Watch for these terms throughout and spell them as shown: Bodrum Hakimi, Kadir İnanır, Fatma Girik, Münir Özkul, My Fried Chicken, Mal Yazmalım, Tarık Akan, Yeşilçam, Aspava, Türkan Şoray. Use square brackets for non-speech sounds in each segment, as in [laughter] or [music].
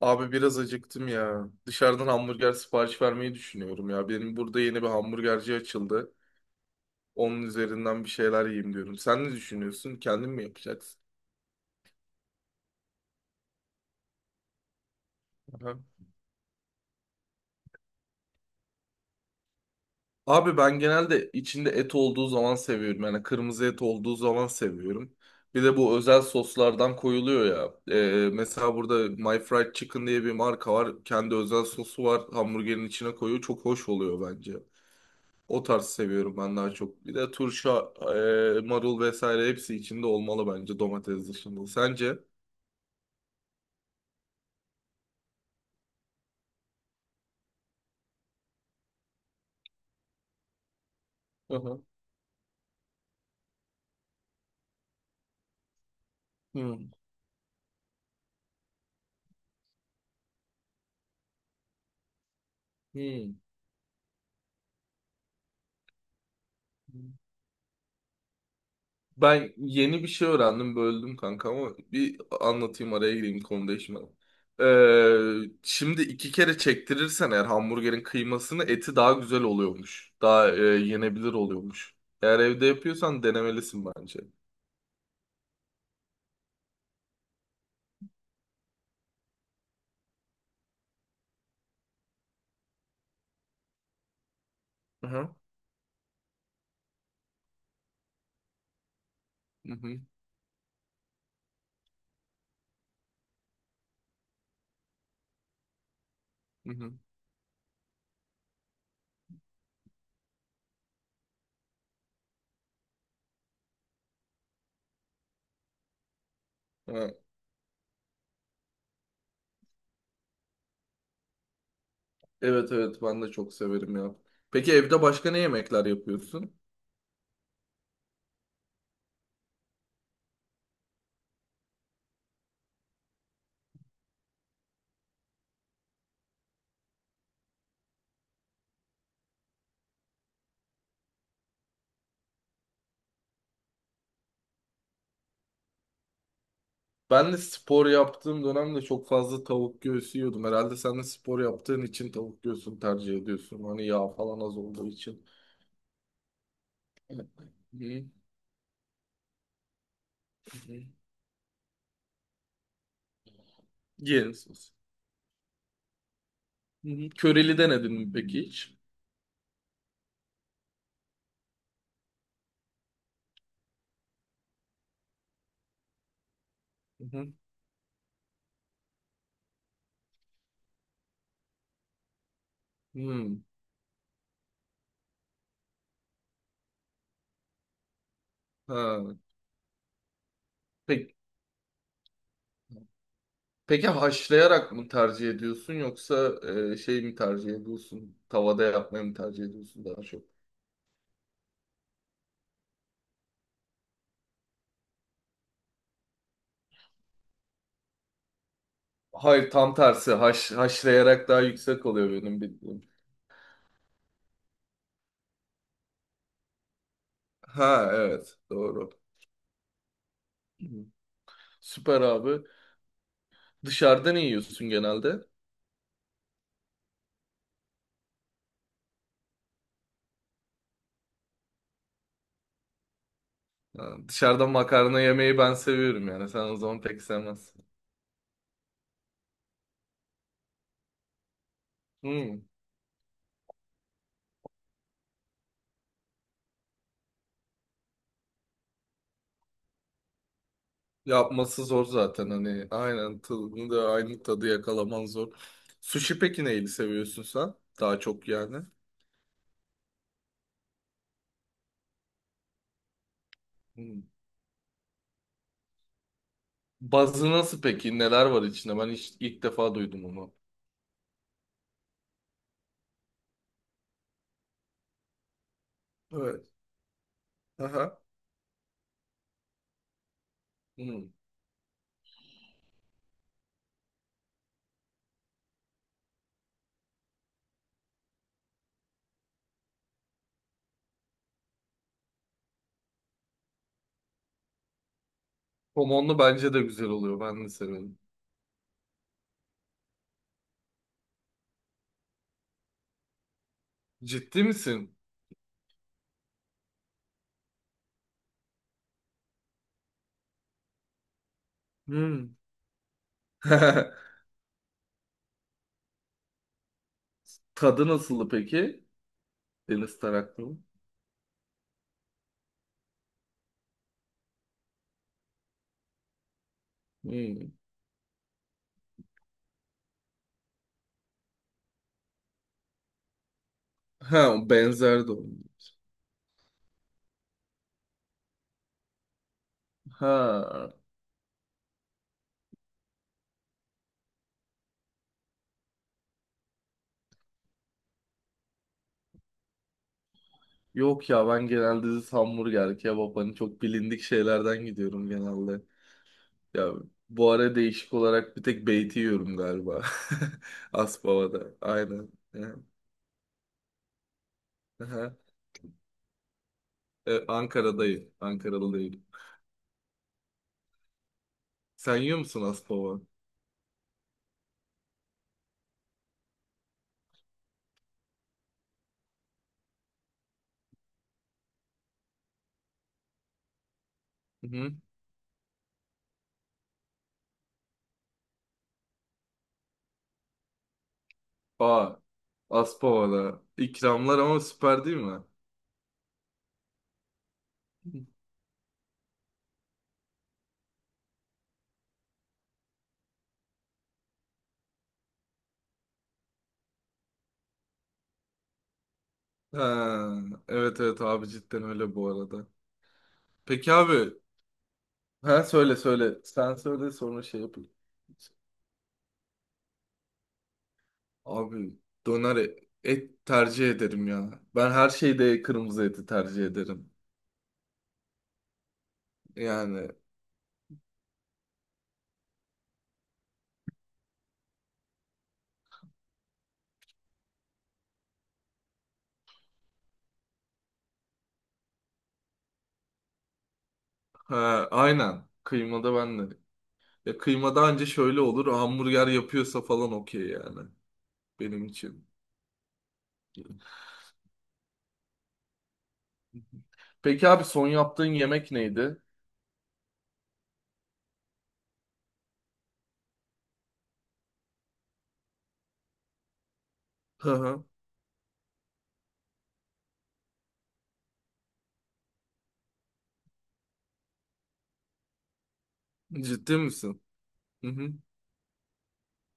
Abi biraz acıktım ya. Dışarıdan hamburger sipariş vermeyi düşünüyorum ya. Benim burada yeni bir hamburgerci açıldı. Onun üzerinden bir şeyler yiyeyim diyorum. Sen ne düşünüyorsun? Kendin mi yapacaksın? Aha. Abi ben genelde içinde et olduğu zaman seviyorum. Yani kırmızı et olduğu zaman seviyorum. Bir de bu özel soslardan koyuluyor ya. Mesela burada My Fried Chicken diye bir marka var. Kendi özel sosu var. Hamburgerin içine koyuyor. Çok hoş oluyor bence. O tarz seviyorum ben daha çok. Bir de turşa, marul vesaire hepsi içinde olmalı bence domates dışında. Sence? Hı hı. Hmm. Hmm. Ben yeni bir şey öğrendim, böldüm kanka ama bir anlatayım araya gireyim konu değişmeden. Şimdi iki kere çektirirsen eğer hamburgerin kıymasını eti daha güzel oluyormuş. Daha yenebilir oluyormuş. Eğer evde yapıyorsan denemelisin bence. Hı hı. Hı hı. Hı hı. Evet, evet, ben de çok severim ya. Peki evde başka ne yemekler yapıyorsun? Ben de spor yaptığım dönemde çok fazla tavuk göğsü yiyordum. Herhalde sen de spor yaptığın için tavuk göğsünü tercih ediyorsun. Hani yağ falan az olduğu için. Evet. Hı hı. Yeğenim sos. Hı hı. Köreli denedin mi peki hiç? Hı hı. Hmm. Ha. Peki, peki haşlayarak mı tercih ediyorsun yoksa şey mi tercih ediyorsun? Tavada yapmayı mı tercih ediyorsun daha çok? Hayır tam tersi. Haşlayarak daha yüksek oluyor benim bildiğim. Ha, evet, doğru. Hı. Süper abi. Dışarıda ne yiyorsun genelde? Ha, dışarıda makarna yemeyi ben seviyorum yani. Sen o zaman pek sevmezsin. Hmm. Yapması zor zaten hani. Aynen tadını da aynı tadı yakalaman zor. Sushi peki neyi seviyorsun sen? Daha çok yani. Hmm. Bazı nasıl peki? Neler var içinde? Ben hiç, ilk defa duydum onu. Evet. Aha. Hmm. Somonlu bence de güzel oluyor. Ben de seviyorum. Ciddi misin? Hmm. [laughs] Tadı nasıldı peki? Deniz taraklı mı? Hmm. Ha, benzer de oldu. Ha. Yok ya, ben genelde hamburger, kebap hani çok bilindik şeylerden gidiyorum genelde. Ya bu ara değişik olarak bir tek beyti yiyorum galiba. [laughs] Aspava'da. Aynen. Ya. Aha. Ankara'dayım. Ankara'da değil. Sen yiyor musun Aspava? Hı hı. Aa, Aspava'da. İkramlar ama süper değil mi? Ha, evet, evet, abi cidden öyle bu arada. Peki abi. Ha, söyle söyle. Sen söyle sonra şey yapayım. Abi döner e- et tercih ederim ya. Ben her şeyde kırmızı eti tercih ederim. Yani ha, aynen. Kıymada ben de. Ya kıymada anca şöyle olur. Hamburger yapıyorsa falan okey yani. Benim için. Peki abi son yaptığın yemek neydi? Hı hı. Ciddi misin? Hı hı.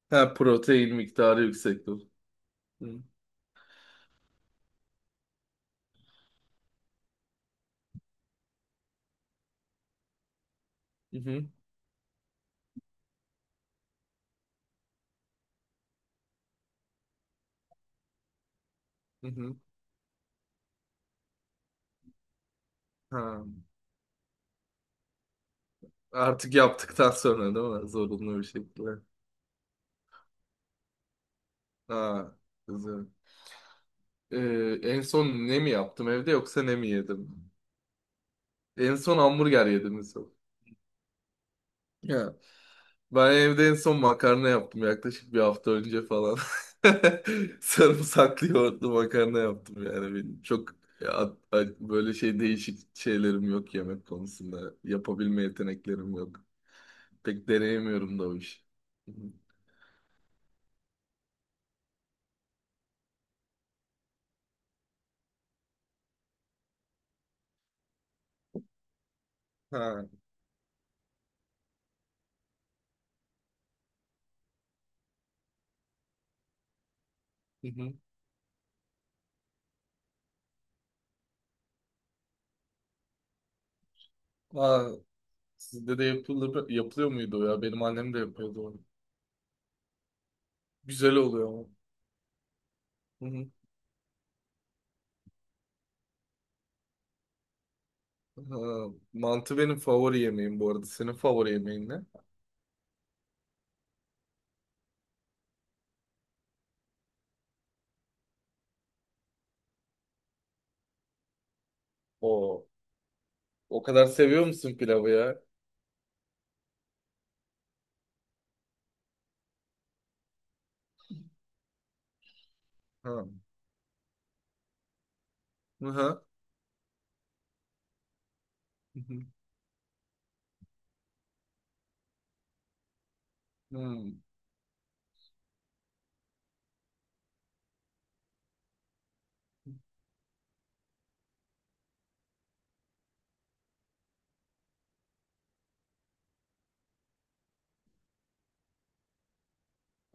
Ha, protein miktarı yüksek olur. Hı hı hı. Hı. Ha. Artık yaptıktan sonra değil mi? Zorunlu bir şekilde. Ha, güzel. En son ne mi yaptım evde yoksa ne mi yedim? En son hamburger yedim en son. Ya, ben evde en son makarna yaptım yaklaşık bir hafta önce falan. [laughs] Sarımsaklı yoğurtlu makarna yaptım yani benim. Çok ya, böyle şey değişik şeylerim yok yemek konusunda. Yapabilme yeteneklerim yok. Pek deneyemiyorum da o iş. Hı hı. Ha. Hı hı. Aa, sizde de yapılıyor muydu o ya? Benim annem de yapıyordu onu. Güzel oluyor ama. Hı hı. Aa, mantı benim favori yemeğim bu arada. Senin favori yemeğin ne? O, o kadar seviyor musun pilavı ya? Ha. Hı hı. Hı hı. Hmm.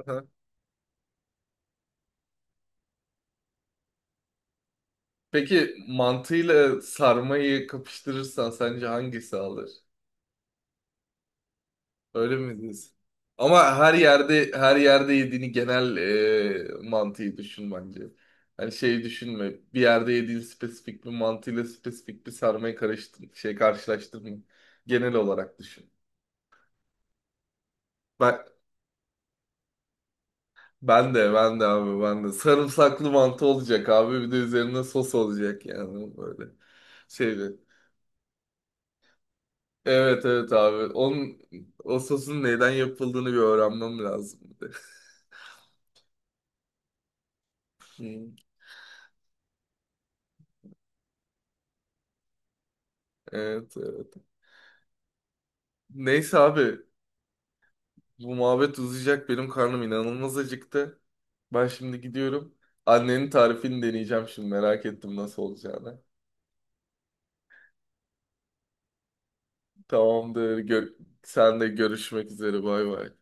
Hı hı. Peki mantıyla sarmayı kapıştırırsan sence hangisi alır? Öyle mi diyorsun? Ama her yerde yediğini genel mantığı düşün bence. Hani şey düşünme. Bir yerde yediğin spesifik bir mantıyla spesifik bir sarmayı karıştır, şey karşılaştırma. Genel olarak düşün. Ben ben de abi ben de sarımsaklı mantı olacak abi bir de üzerine sos olacak yani böyle şeyde. Evet, evet, abi. O sosun neyden yapıldığını bir öğrenmem lazım bir de. [laughs] Hı. Evet, evet. Neyse abi, bu muhabbet uzayacak. Benim karnım inanılmaz acıktı. Ben şimdi gidiyorum. Annenin tarifini deneyeceğim şimdi. Merak ettim nasıl olacağını. Tamamdır. Sen de görüşmek üzere. Bay bay.